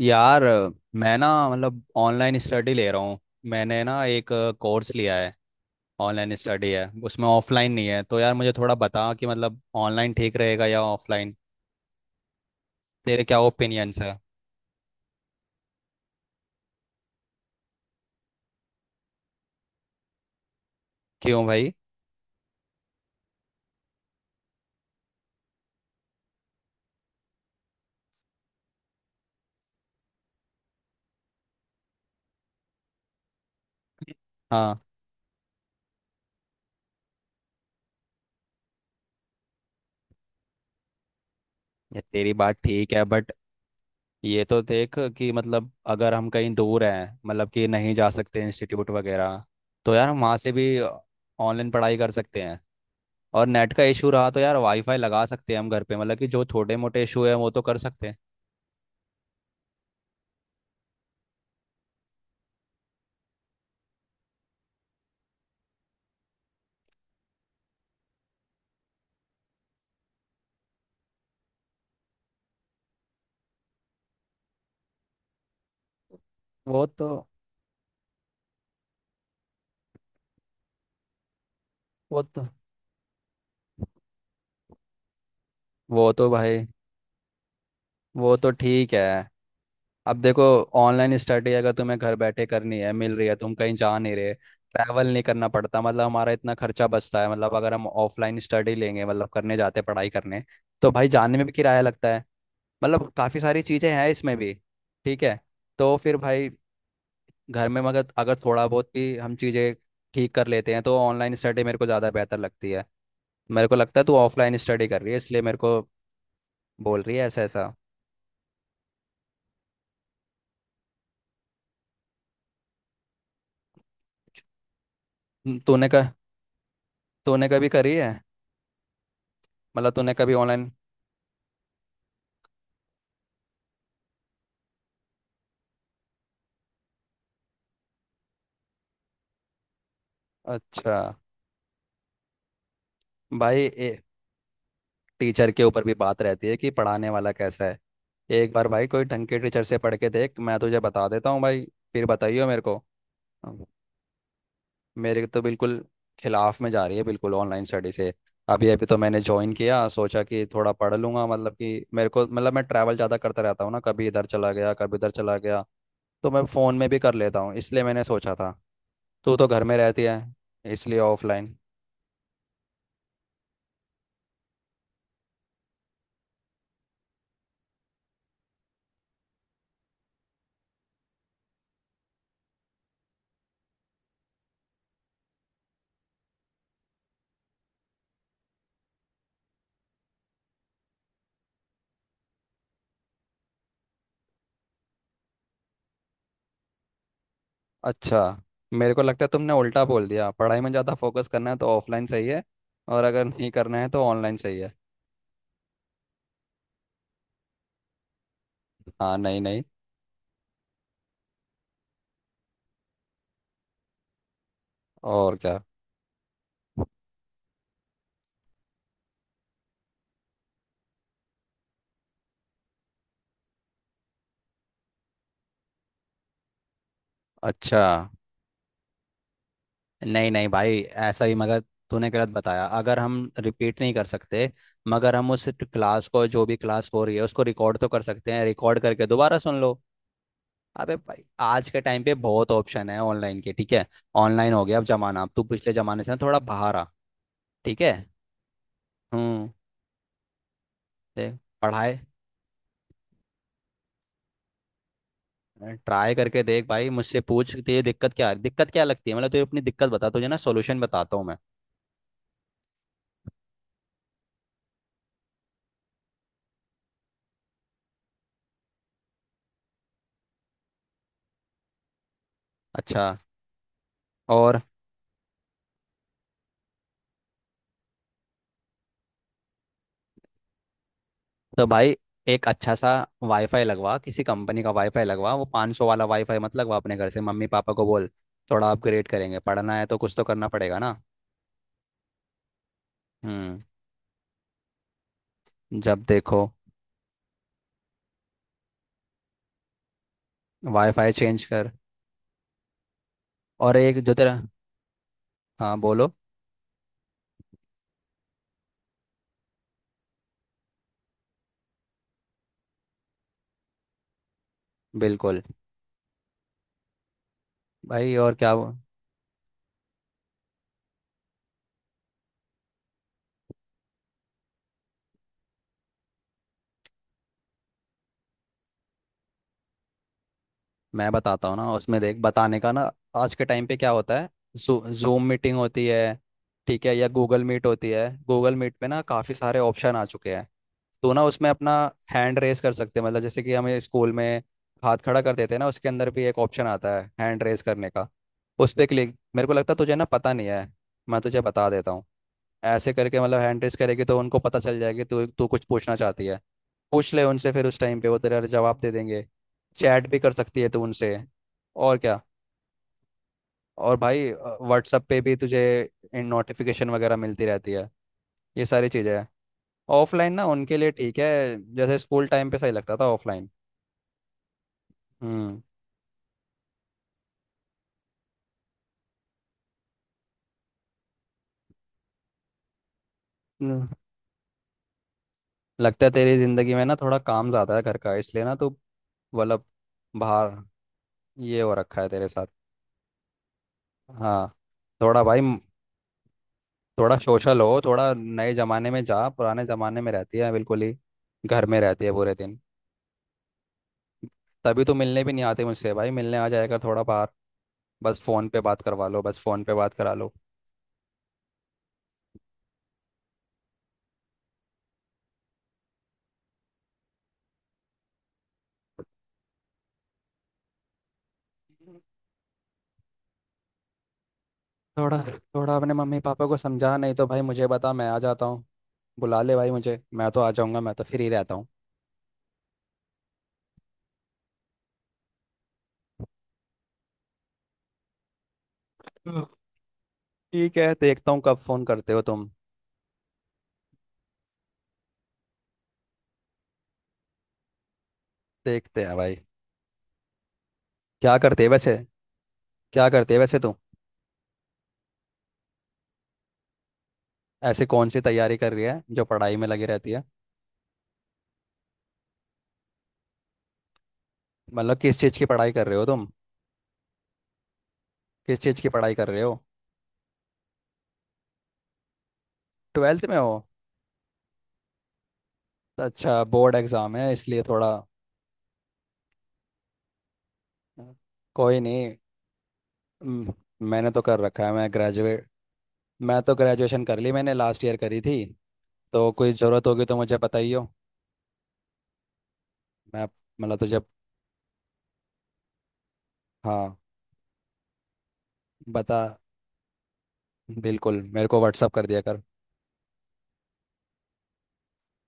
यार मैं ना मतलब ऑनलाइन स्टडी ले रहा हूँ। मैंने ना एक कोर्स लिया है, ऑनलाइन स्टडी है, उसमें ऑफलाइन नहीं है। तो यार मुझे थोड़ा बता कि मतलब ऑनलाइन ठीक रहेगा या ऑफलाइन। तेरे क्या ओपिनियंस है? क्यों भाई? हाँ। ये तेरी बात ठीक है बट ये तो देख कि मतलब अगर हम कहीं दूर हैं, मतलब कि नहीं जा सकते इंस्टीट्यूट वगैरह, तो यार हम वहाँ से भी ऑनलाइन पढ़ाई कर सकते हैं। और नेट का इशू रहा तो यार वाईफाई लगा सकते हैं हम घर पे, मतलब कि जो छोटे मोटे इशू है वो तो कर सकते हैं। वो तो वो तो वो तो भाई वो तो ठीक है। अब देखो, ऑनलाइन स्टडी अगर तुम्हें घर बैठे करनी है, मिल रही है, तुम कहीं जा नहीं रहे, ट्रैवल नहीं करना पड़ता। मतलब हमारा इतना खर्चा बचता है, मतलब अगर हम ऑफलाइन स्टडी लेंगे मतलब करने जाते हैं पढ़ाई करने, तो भाई जाने में भी किराया लगता है। मतलब काफ़ी सारी चीज़ें हैं इसमें भी। ठीक है, तो फिर भाई घर में मगर अगर थोड़ा बहुत भी हम चीज़ें ठीक कर लेते हैं तो ऑनलाइन स्टडी मेरे को ज़्यादा बेहतर लगती है। मेरे को लगता है तू ऑफलाइन स्टडी कर रही है इसलिए मेरे को बोल रही है ऐसा ऐसा। तूने का तूने कभी करी है? मतलब तूने कभी ऑनलाइन? अच्छा। भाई टीचर के ऊपर भी बात रहती है कि पढ़ाने वाला कैसा है। एक बार भाई कोई ढंग के टीचर से पढ़ के देख, मैं तुझे बता देता हूँ भाई। फिर बताइयो मेरे को। अब मेरे तो बिल्कुल खिलाफ में जा रही है, बिल्कुल ऑनलाइन स्टडी से। अभी अभी तो मैंने ज्वाइन किया, सोचा कि थोड़ा पढ़ लूंगा। मतलब कि मेरे को, मतलब मैं ट्रैवल ज़्यादा करता रहता हूँ ना, कभी इधर चला गया कभी उधर चला गया, तो मैं फ़ोन में भी कर लेता हूँ, इसलिए मैंने सोचा था। तू तो घर में रहती है इसलिए ऑफलाइन। अच्छा, मेरे को लगता है तुमने उल्टा बोल दिया। पढ़ाई में ज़्यादा फोकस करना है तो ऑफलाइन सही है, और अगर नहीं करना है तो ऑनलाइन सही है। हाँ नहीं नहीं। और क्या। अच्छा। नहीं नहीं भाई, ऐसा ही, मगर तूने गलत बताया। अगर हम रिपीट नहीं कर सकते मगर हम उस क्लास को, जो भी क्लास हो रही है उसको रिकॉर्ड तो कर सकते हैं, रिकॉर्ड करके दोबारा सुन लो। अबे भाई आज के टाइम पे बहुत ऑप्शन है ऑनलाइन के, ठीक है? ऑनलाइन हो गया अब जमाना, अब तू पिछले जमाने से ना थोड़ा बाहर आ। ठीक है। हम्म। देख, पढ़ाए, ट्राई करके देख भाई, मुझसे पूछ तुझे दिक्कत, क्या दिक्कत क्या लगती है, मतलब तुझे अपनी दिक्कत बता, तुझे ना सॉल्यूशन बताता हूँ मैं। अच्छा। और, तो भाई एक अच्छा सा वाईफाई लगवा, किसी कंपनी का वाईफाई लगवा, वो 500 सौ वाला वाईफाई मत लगवा, अपने घर से मम्मी पापा को बोल थोड़ा अपग्रेड करेंगे, पढ़ना है तो कुछ तो करना पड़ेगा ना। हम्म। जब देखो, वाईफाई चेंज कर। और एक जो तेरा, हाँ बोलो। बिल्कुल भाई, और क्या। मैं बताता हूँ ना उसमें देख, बताने का ना, आज के टाइम पे क्या होता है, जूम मीटिंग होती है, ठीक है, या गूगल मीट होती है। गूगल मीट पे ना काफ़ी सारे ऑप्शन आ चुके हैं, तो ना उसमें अपना हैंड रेस कर सकते हैं। मतलब जैसे कि हमें स्कूल में हाथ खड़ा कर देते हैं ना, उसके अंदर भी एक ऑप्शन आता है हैंड रेस करने का। उस पर क्लिक, मेरे को लगता है तुझे ना पता नहीं है, मैं तुझे बता देता हूँ। ऐसे करके, मतलब हैंड रेस करेगी तो उनको पता चल जाएगी तू तू कुछ पूछना चाहती है। पूछ ले उनसे, फिर उस टाइम पे वो तेरा जवाब दे देंगे। चैट भी कर सकती है तू उनसे। और क्या। और भाई व्हाट्सअप पे भी तुझे इन नोटिफिकेशन वगैरह मिलती रहती है। ये सारी चीज़ें हैं। ऑफलाइन ना उनके लिए ठीक है, जैसे स्कूल टाइम पे सही लगता था ऑफलाइन। हम्म। हम्म, लगता है तेरी जिंदगी में ना थोड़ा काम ज़्यादा है घर का, इसलिए ना तू मतलब बाहर, ये हो रखा है तेरे साथ। हाँ। थोड़ा भाई। थोड़ा सोशल हो, थोड़ा नए जमाने में जा, पुराने जमाने में रहती है बिल्कुल ही, घर में रहती है पूरे दिन। तभी तो मिलने भी नहीं आते मुझसे भाई, मिलने आ जाएगा थोड़ा बाहर। बस फोन पे बात करवा लो, बस फोन पे बात करा लो। थोड़ा थोड़ा अपने मम्मी पापा को समझा, नहीं तो भाई मुझे बता, मैं आ जाता हूँ। बुला ले भाई मुझे, मैं तो आ जाऊंगा, मैं तो फ्री रहता हूँ। हाँ। ठीक है, देखता हूँ कब फोन करते हो तुम। देखते हैं भाई। क्या करते है वैसे क्या करते है वैसे तुम? ऐसी कौन सी तैयारी कर रही है जो पढ़ाई में लगी रहती है? मतलब किस चीज़ की पढ़ाई कर रहे हो तुम? किस चीज़ की पढ़ाई कर रहे हो? ट्वेल्थ में हो? अच्छा बोर्ड एग्जाम है इसलिए थोड़ा, कोई नहीं। हम्म, मैंने तो कर रखा है, मैं ग्रेजुएट, मैं तो ग्रेजुएशन कर ली, मैंने लास्ट ईयर करी थी। तो कोई ज़रूरत होगी तो मुझे बताइयो। मैं, मतलब तो जब, हाँ, बता, बिल्कुल मेरे को व्हाट्सअप कर दिया कर।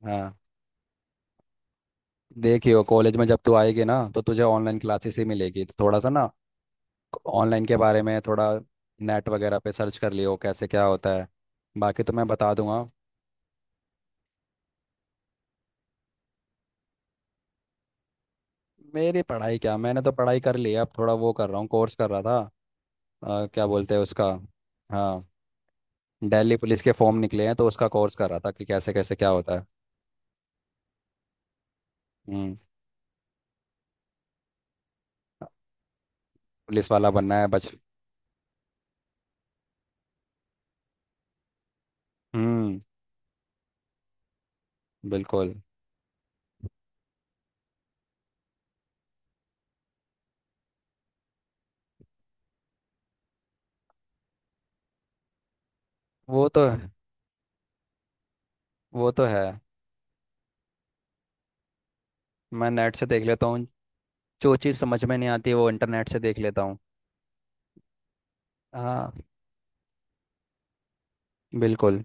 हाँ, देखियो कॉलेज में जब तू आएगी ना तो तुझे ऑनलाइन क्लासेस ही मिलेगी, तो थोड़ा सा ना ऑनलाइन के बारे में थोड़ा नेट वगैरह पे सर्च कर लियो कैसे क्या होता है, बाकी तो मैं बता दूंगा। मेरी पढ़ाई क्या, मैंने तो पढ़ाई कर ली है, अब थोड़ा वो कर रहा हूँ, कोर्स कर रहा था, क्या बोलते हैं उसका, हाँ, दिल्ली पुलिस के फॉर्म निकले हैं तो उसका कोर्स कर रहा था कि कैसे कैसे क्या होता है। हम्म। पुलिस वाला बनना है बच। हम्म। बिल्कुल। वो तो वो तो है। मैं नेट से देख लेता हूँ, जो चीज़ समझ में नहीं आती वो इंटरनेट से देख लेता हूँ। हाँ। बिल्कुल।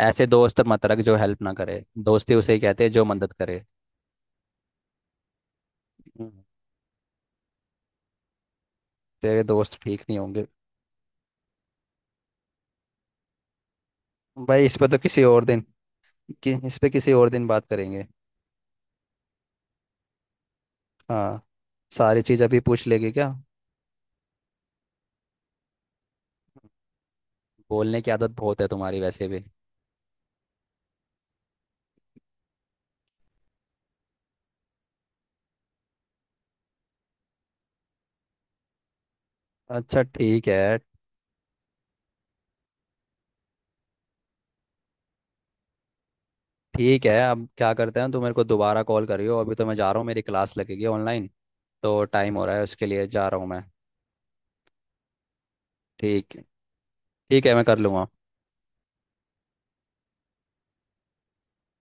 ऐसे दोस्त मत रख जो हेल्प ना करे, दोस्ती उसे ही कहते हैं जो मदद करे। हम्म, तेरे दोस्त ठीक नहीं होंगे। भाई इस पे तो किसी और दिन, कि इस पे किसी और दिन बात करेंगे। हाँ। सारी चीज़ अभी पूछ लेगी क्या? बोलने की आदत बहुत है तुम्हारी वैसे भी। अच्छा ठीक है, ठीक है। अब क्या करते हैं, तो मेरे को दोबारा कॉल करियो। अभी तो मैं जा रहा हूँ, मेरी क्लास लगेगी ऑनलाइन, तो टाइम हो रहा है उसके लिए, जा रहा हूँ मैं। ठीक, ठीक है, मैं कर लूँगा।